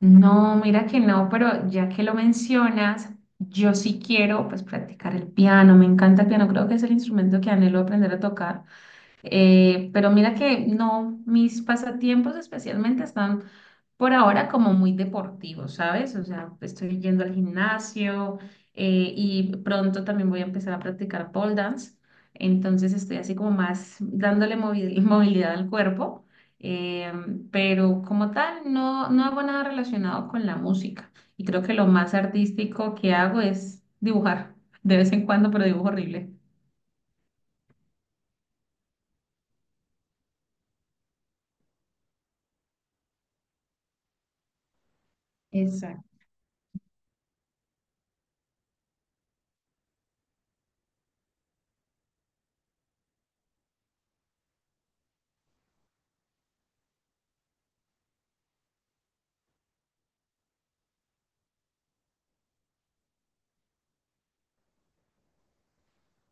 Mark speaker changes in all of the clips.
Speaker 1: No, mira que no, pero ya que lo mencionas, yo sí quiero pues practicar el piano, me encanta el piano, creo que es el instrumento que anhelo aprender a tocar. Pero mira que no, mis pasatiempos especialmente están por ahora como muy deportivo, ¿sabes? O sea, estoy yendo al gimnasio, y pronto también voy a empezar a practicar pole dance. Entonces estoy así como más dándole movilidad al cuerpo, eh, pero como tal no, no hago nada relacionado con la música. Y creo que lo más artístico que hago es dibujar, de vez en cuando, pero dibujo horrible. Exacto.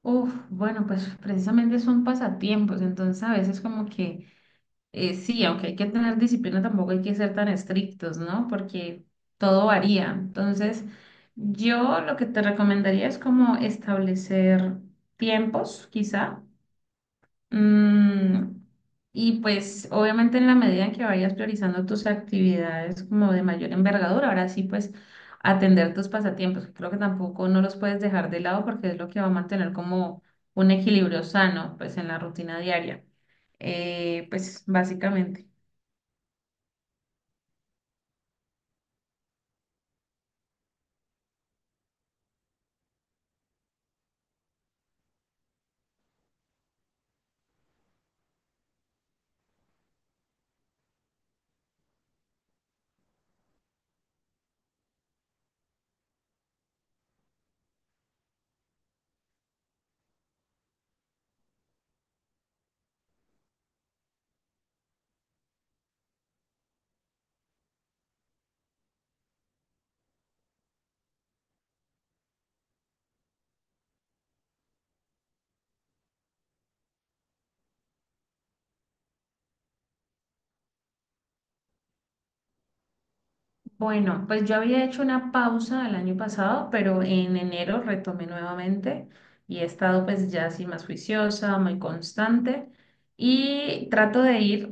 Speaker 1: Uf, bueno, pues precisamente son pasatiempos, entonces a veces como que. Sí, aunque hay que tener disciplina, tampoco hay que ser tan estrictos, ¿no? Porque todo varía. Entonces, yo lo que te recomendaría es como establecer tiempos, quizá. Mm, y pues, obviamente, en la medida en que vayas priorizando tus actividades como de mayor envergadura, ahora sí, pues, atender tus pasatiempos, que creo que tampoco no los puedes dejar de lado porque es lo que va a mantener como un equilibrio sano, pues, en la rutina diaria. Pues, básicamente. Bueno, pues yo había hecho una pausa el año pasado, pero en enero retomé nuevamente y he estado pues ya así más juiciosa, muy constante y trato de ir,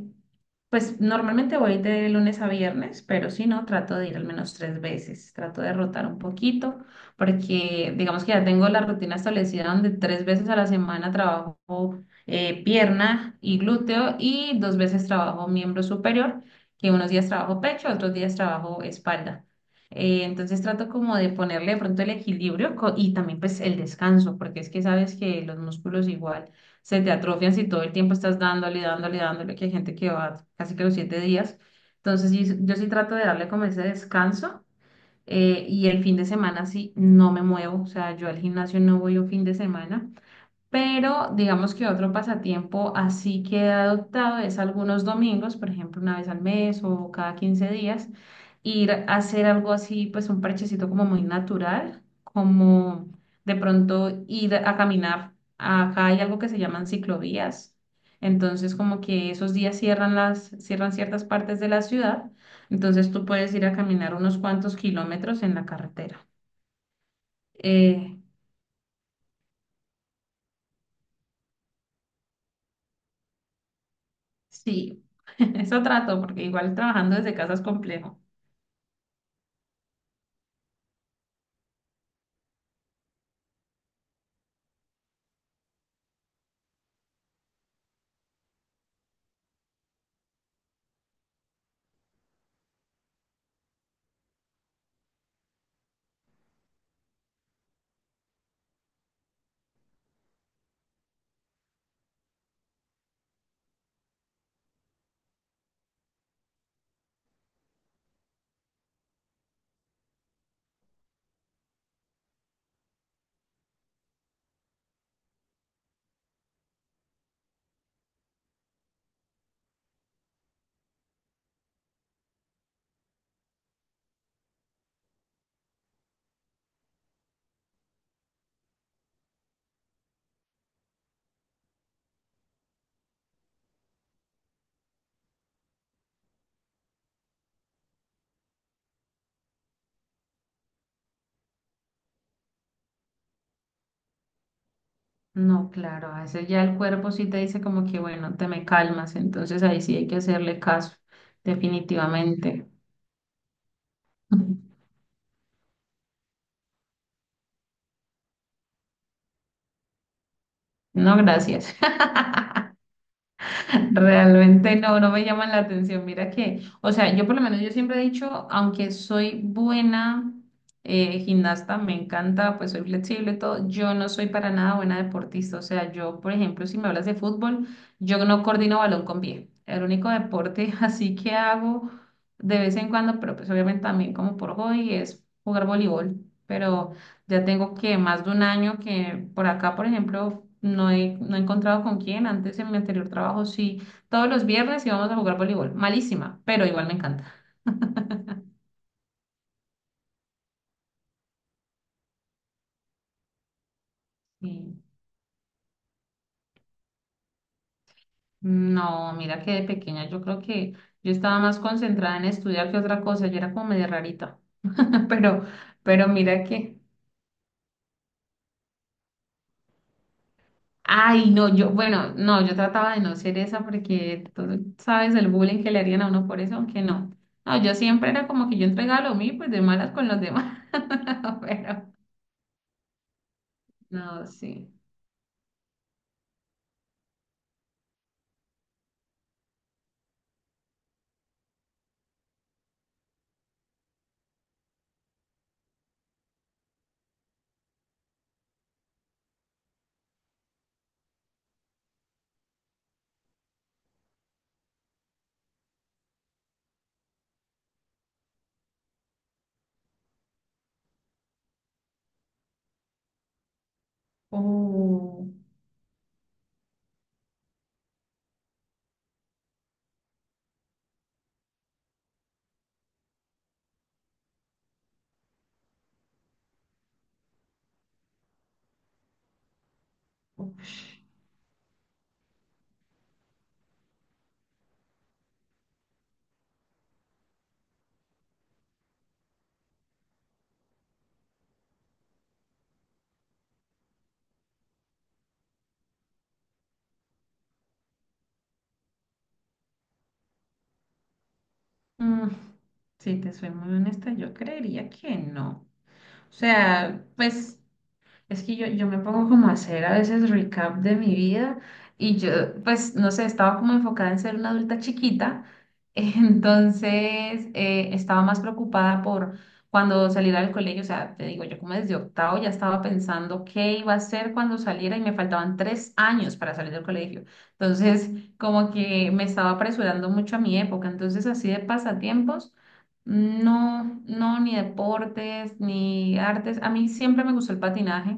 Speaker 1: pues normalmente voy de lunes a viernes, pero si no, trato de ir al menos tres veces, trato de rotar un poquito porque digamos que ya tengo la rutina establecida donde tres veces a la semana trabajo, pierna y glúteo, y dos veces trabajo miembro superior, que unos días trabajo pecho, otros días trabajo espalda. Entonces trato como de ponerle de pronto el equilibrio y también pues el descanso, porque es que sabes que los músculos igual se te atrofian si todo el tiempo estás dándole, dándole, dándole, que hay gente que va casi que los 7 días. Entonces yo sí trato de darle como ese descanso, y el fin de semana sí no me muevo, o sea, yo al gimnasio no voy un fin de semana, pero digamos que otro pasatiempo así que he adoptado es algunos domingos, por ejemplo, una vez al mes o cada 15 días, ir a hacer algo así, pues un parchecito como muy natural, como de pronto ir a caminar. Acá hay algo que se llaman ciclovías. Entonces, como que esos días cierran ciertas partes de la ciudad, entonces tú puedes ir a caminar unos cuantos kilómetros en la carretera. Eh, Sí, eso trato, porque igual trabajando desde casa es complejo. No, claro, a veces ya el cuerpo sí te dice como que, bueno, te me calmas, entonces ahí sí hay que hacerle caso, definitivamente. No, gracias. Realmente no, no me llaman la atención. Mira que, o sea, yo por lo menos yo siempre he dicho, aunque soy buena, gimnasta, me encanta, pues soy flexible y todo, yo no soy para nada buena deportista. O sea, yo, por ejemplo, si me hablas de fútbol, yo no coordino balón con pie. El único deporte así que hago de vez en cuando, pero pues obviamente también como por hobby, es jugar voleibol. Pero ya tengo que más de un año que por acá, por ejemplo, no he encontrado con quién. Antes en mi anterior trabajo sí, todos los viernes íbamos a jugar voleibol. Malísima, pero igual me encanta. Y no, mira que de pequeña yo creo que yo estaba más concentrada en estudiar que otra cosa. Yo era como medio rarita, pero, pero mira que. Ay, no, yo, bueno, no, yo trataba de no ser esa porque tú sabes el bullying que le harían a uno por eso, aunque no. No, yo siempre era como que yo entregaba lo mío, y, pues de malas con los demás. Pero, no, sí. Oh, uf, mm, si te soy muy honesta, yo creería que no. O sea, pues. Es que yo me pongo como a hacer a veces recap de mi vida y yo, pues, no sé, estaba como enfocada en ser una adulta chiquita, entonces, estaba más preocupada por cuando saliera del colegio, o sea, te digo, yo como desde octavo ya estaba pensando qué iba a hacer cuando saliera y me faltaban 3 años para salir del colegio, entonces como que me estaba apresurando mucho a mi época, entonces así de pasatiempos. No, no, ni deportes, ni artes. A mí siempre me gustó el patinaje.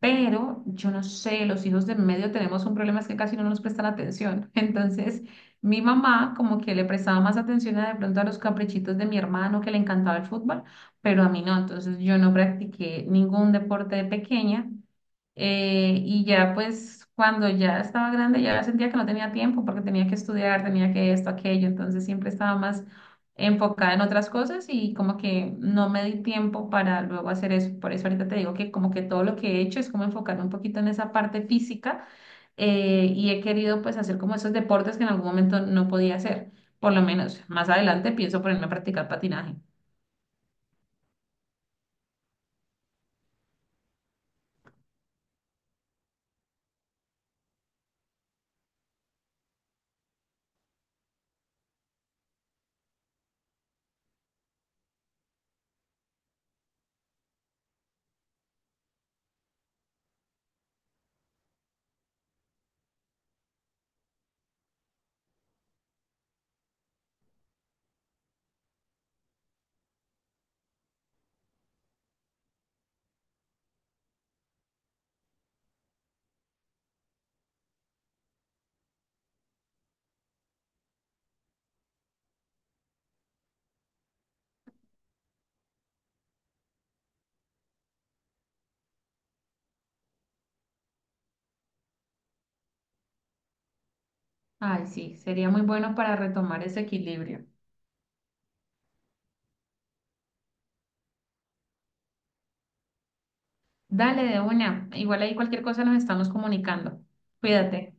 Speaker 1: Pero yo no sé, los hijos de medio tenemos un problema, es que casi no nos prestan atención. Entonces, mi mamá como que le prestaba más atención a de pronto a los caprichitos de mi hermano que le encantaba el fútbol, pero a mí no. Entonces, yo no practiqué ningún deporte de pequeña. Y ya pues cuando ya estaba grande ya sentía que no tenía tiempo porque tenía que estudiar, tenía que esto, aquello, entonces siempre estaba más enfocada en otras cosas y como que no me di tiempo para luego hacer eso. Por eso ahorita te digo que como que todo lo que he hecho es como enfocarme un poquito en esa parte física, y he querido pues hacer como esos deportes que en algún momento no podía hacer. Por lo menos más adelante pienso ponerme a practicar patinaje. Ay, sí, sería muy bueno para retomar ese equilibrio. Dale de una. Igual ahí cualquier cosa nos estamos comunicando. Cuídate.